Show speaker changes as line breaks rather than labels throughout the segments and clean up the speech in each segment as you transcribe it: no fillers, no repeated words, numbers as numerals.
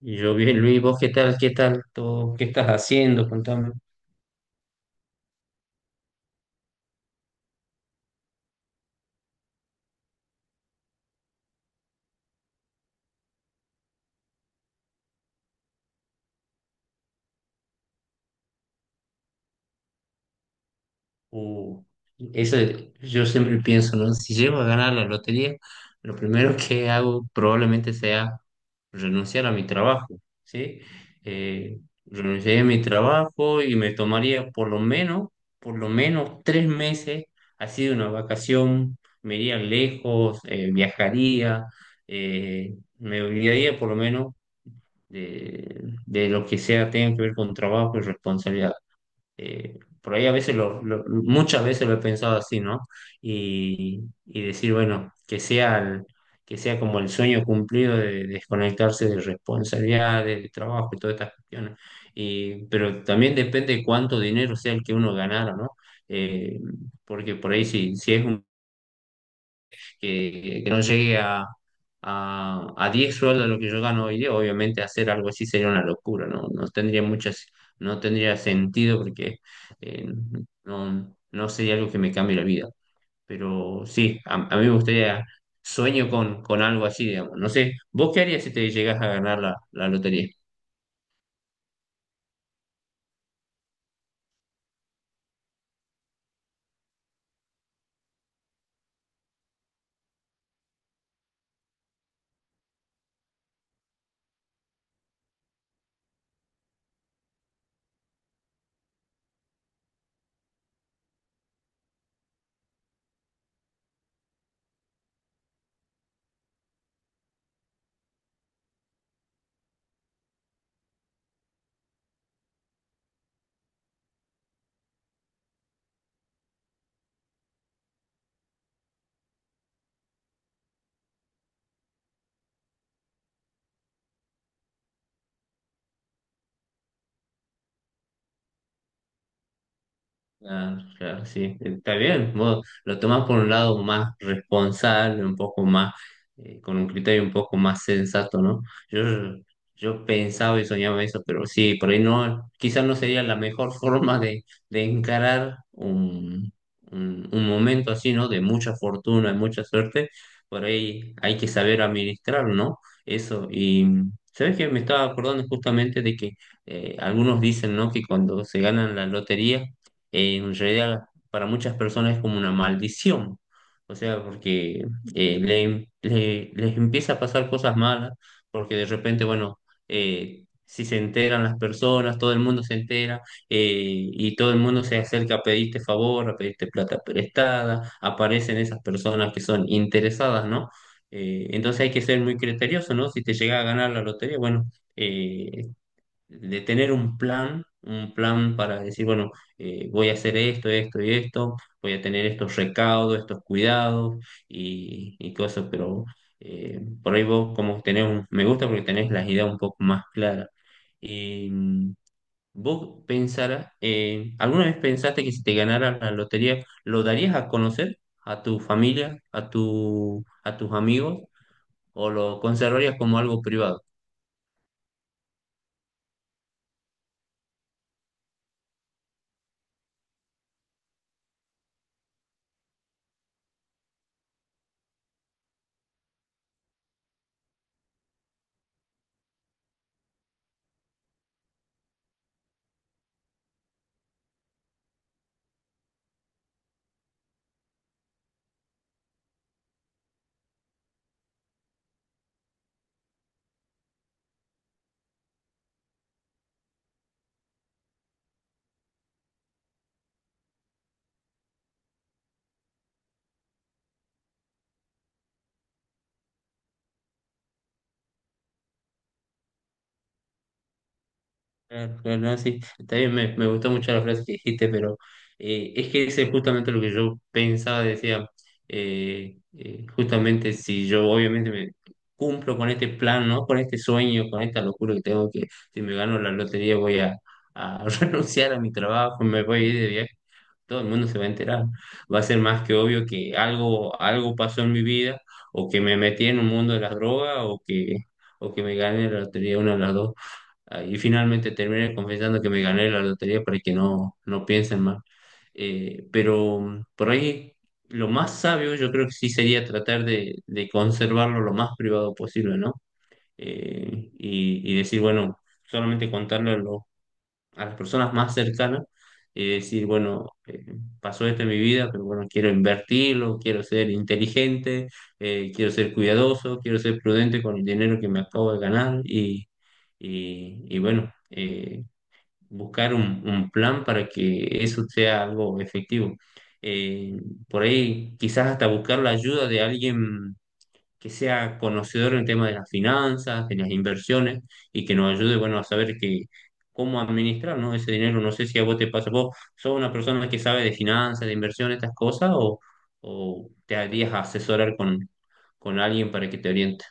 Y yo, bien, Luis, ¿vos qué tal? ¿Qué tal? ¿Todo? ¿Qué estás haciendo? Contame. Uh, eso yo siempre pienso, ¿no? Si llego a ganar la lotería, lo primero que hago probablemente sea renunciar a mi trabajo, ¿sí? Eh, Renunciaría a mi trabajo y me tomaría por lo menos 3 meses, así de una vacación, me iría lejos, viajaría, me olvidaría por lo menos de lo que sea tenga que ver con trabajo y responsabilidad. Por ahí a veces, muchas veces lo he pensado así, ¿no? Y decir, bueno, que sea, que sea como el sueño cumplido de desconectarse de responsabilidades, de trabajo y todas estas cuestiones. Y, pero también depende de cuánto dinero sea el que uno ganara, ¿no? Eh, Porque por ahí si es un que no llegue a 10 sueldos lo que yo gano hoy día, obviamente hacer algo así sería una locura, ¿no? No tendría muchas, no tendría sentido porque eh, no sería algo que me cambie la vida. Pero sí, a mí me gustaría, sueño con algo así, digamos. No sé, ¿vos qué harías si te llegas a ganar la lotería? Claro, claro, sí, está bien. Vos lo tomás por un lado más responsable, un poco más, con un criterio un poco más sensato, ¿no? Yo, yo pensaba y soñaba eso, pero sí, por ahí no, quizás no sería la mejor forma de encarar un, un momento así, ¿no? De mucha fortuna y mucha suerte, por ahí hay que saber administrarlo, ¿no? Eso, y sabes que me estaba acordando justamente de que algunos dicen, ¿no? Que cuando se ganan la lotería, en realidad para muchas personas es como una maldición. O sea, porque les empieza a pasar cosas malas, porque de repente, bueno, si se enteran las personas, todo el mundo se entera eh, y todo el mundo se acerca a pedirte favor, a pedirte plata prestada, aparecen esas personas que son interesadas, ¿no? Entonces hay que ser muy criterioso, ¿no? Si te llega a ganar la lotería, bueno, eh, de tener un plan para decir, bueno, voy a hacer esto, esto y esto, voy a tener estos recaudos, estos cuidados y cosas, pero por ahí vos como tenés, me gusta porque tenés las ideas un poco más claras. Y mm, vos pensarás, ¿alguna vez pensaste que si te ganara la lotería, lo darías a conocer a tu familia, a tus amigos, o lo conservarías como algo privado? Claro, claro, no, sí, está bien, me gustó mucho la frase que dijiste, pero es que ese es justamente lo que yo pensaba, decía, justamente si yo obviamente me cumplo con este plan, ¿no? Con este sueño, con esta locura que tengo, que si me gano la lotería voy a renunciar a mi trabajo, me voy a ir de viaje, todo el mundo se va a enterar, va a ser más que obvio que algo, algo pasó en mi vida, o que me metí en un mundo de las drogas, o que me gané la lotería, una de las dos. Ah, y finalmente terminé confesando que me gané la lotería para que no piensen mal. Pero mm, por ahí lo más sabio yo creo que sí sería tratar de conservarlo lo más privado posible, ¿no? Y decir, bueno, solamente contarle a las personas más cercanas y decir, bueno, pasó esto en mi vida, pero bueno, quiero invertirlo, quiero ser inteligente, quiero ser cuidadoso, quiero ser prudente con el dinero que me acabo de ganar y bueno, buscar un plan para que eso sea algo efectivo. Eh, por ahí quizás hasta buscar la ayuda de alguien que sea conocedor en el tema de las finanzas, de las inversiones y que nos ayude, bueno, a saber que cómo administrar, ¿no? Ese dinero. No sé si a vos te pasa, vos sos una persona que sabe de finanzas, de inversiones, estas cosas, o te harías asesorar con alguien para que te oriente.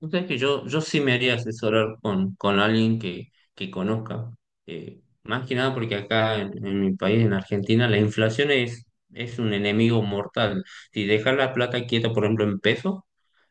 Vos sabés que yo sí me haría asesorar con alguien que conozca. Más que nada porque acá en mi país, en Argentina, la inflación es un enemigo mortal. Si dejas la plata quieta, por ejemplo, en pesos,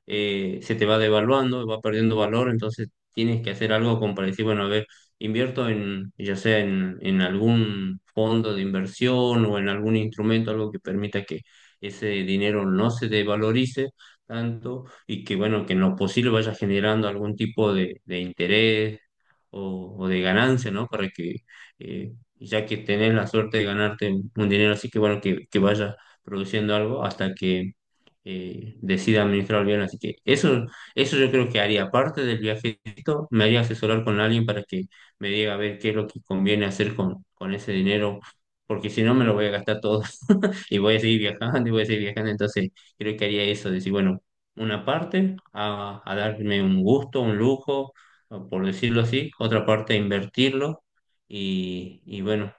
se te va devaluando, va perdiendo valor, entonces tienes que hacer algo como para decir, bueno, a ver, invierto en, ya sea en algún fondo de inversión o en algún instrumento, algo que permita que ese dinero no se devalorice tanto y que, bueno, que en lo posible vaya generando algún tipo de interés o de ganancia, ¿no? Para que, eh, ya que tenés la suerte de ganarte un dinero así, que, bueno, que vaya produciendo algo hasta que decida administrar bien. Así que eso yo creo que haría. Aparte del viajecito, me haría asesorar con alguien para que me diga a ver qué es lo que conviene hacer con ese dinero, porque si no me lo voy a gastar todo. Y voy a seguir viajando y voy a seguir viajando. Entonces, creo que haría eso, decir, bueno, una parte a darme un gusto, un lujo, o por decirlo así, otra parte a invertirlo y bueno,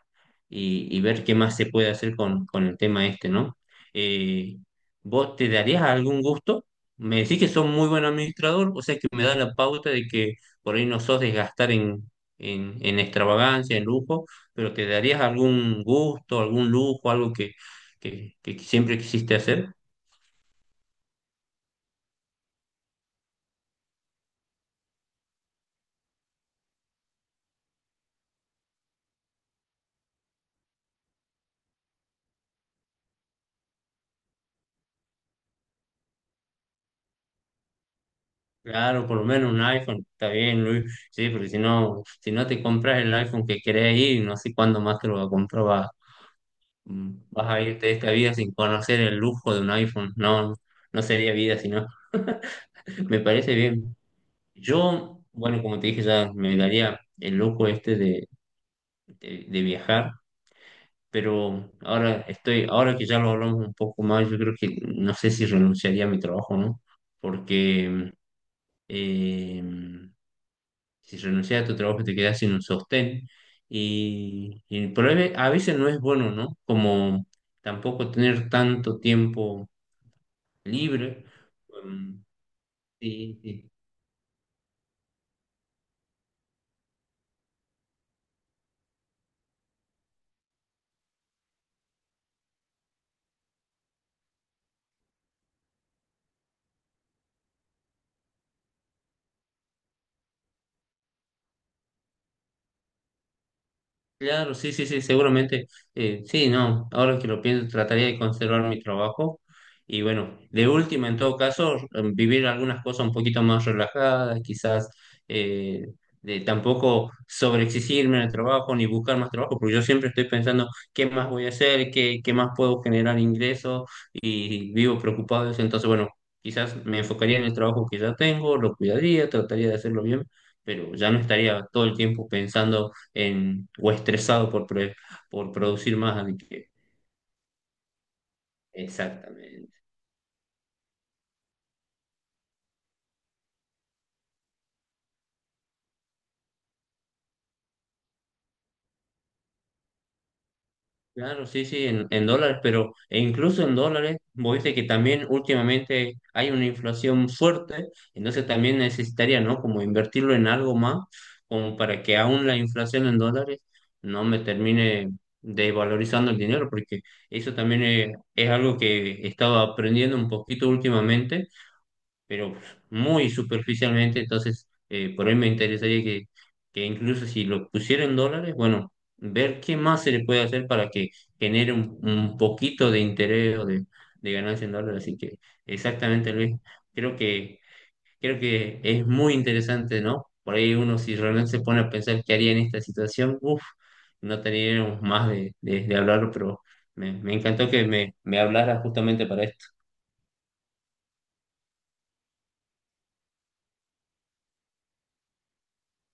y ver qué más se puede hacer con el tema este, ¿no? Eh, ¿Vos te darías algún gusto? Me decís que sos muy buen administrador, o sea que me da la pauta de que por ahí no sos de gastar en, en extravagancia, en lujo, pero ¿te darías algún gusto, algún lujo, algo que, que siempre quisiste hacer? Claro, por lo menos un iPhone, está bien, Luis. Sí, porque si no, si no te compras el iPhone que querés ir, no sé cuándo más te lo vas a comprar, vas, mm, vas a irte de esta vida sin conocer el lujo de un iPhone. No, no sería vida, sino me parece bien. Yo, bueno, como te dije, ya me daría el lujo este de, de viajar, pero ahora estoy, ahora que ya lo hablamos un poco más, yo creo que no sé si renunciaría a mi trabajo, ¿no? Porque eh, si renuncias a tu trabajo te quedas sin un sostén y el problema a veces no es bueno, ¿no? Como tampoco tener tanto tiempo libre. um, sí, sí. Claro, sí, sí, sí, seguramente. Sí, no, ahora que lo pienso, trataría de conservar mi trabajo. Y bueno, de última, en todo caso, vivir algunas cosas un poquito más relajadas, quizás eh, de tampoco sobreexigirme en el trabajo ni buscar más trabajo, porque yo siempre estoy pensando qué más voy a hacer, qué más puedo generar ingresos y vivo preocupado de eso. Entonces, bueno, quizás me enfocaría en el trabajo que ya tengo, lo cuidaría, trataría de hacerlo bien, pero ya no estaría todo el tiempo pensando en, o estresado por, por producir más. Así que... exactamente. Claro, sí, sí, en dólares, pero e incluso en dólares, vos viste que también últimamente hay una inflación fuerte, entonces también necesitaría, ¿no? Como invertirlo en algo más, como para que aún la inflación en dólares no me termine desvalorizando el dinero, porque eso también es algo que he estado aprendiendo un poquito últimamente, pero muy superficialmente, entonces por ahí me interesaría que incluso si lo pusiera en dólares, bueno, ver qué más se le puede hacer para que genere un poquito de interés o de ganancia en dólares. Así que exactamente, Luis, creo que, creo que es muy interesante, ¿no? Por ahí uno si realmente se pone a pensar qué haría en esta situación, uff, no tendríamos más de hablarlo, pero me encantó que me hablara justamente para esto.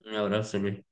Un abrazo, Luis.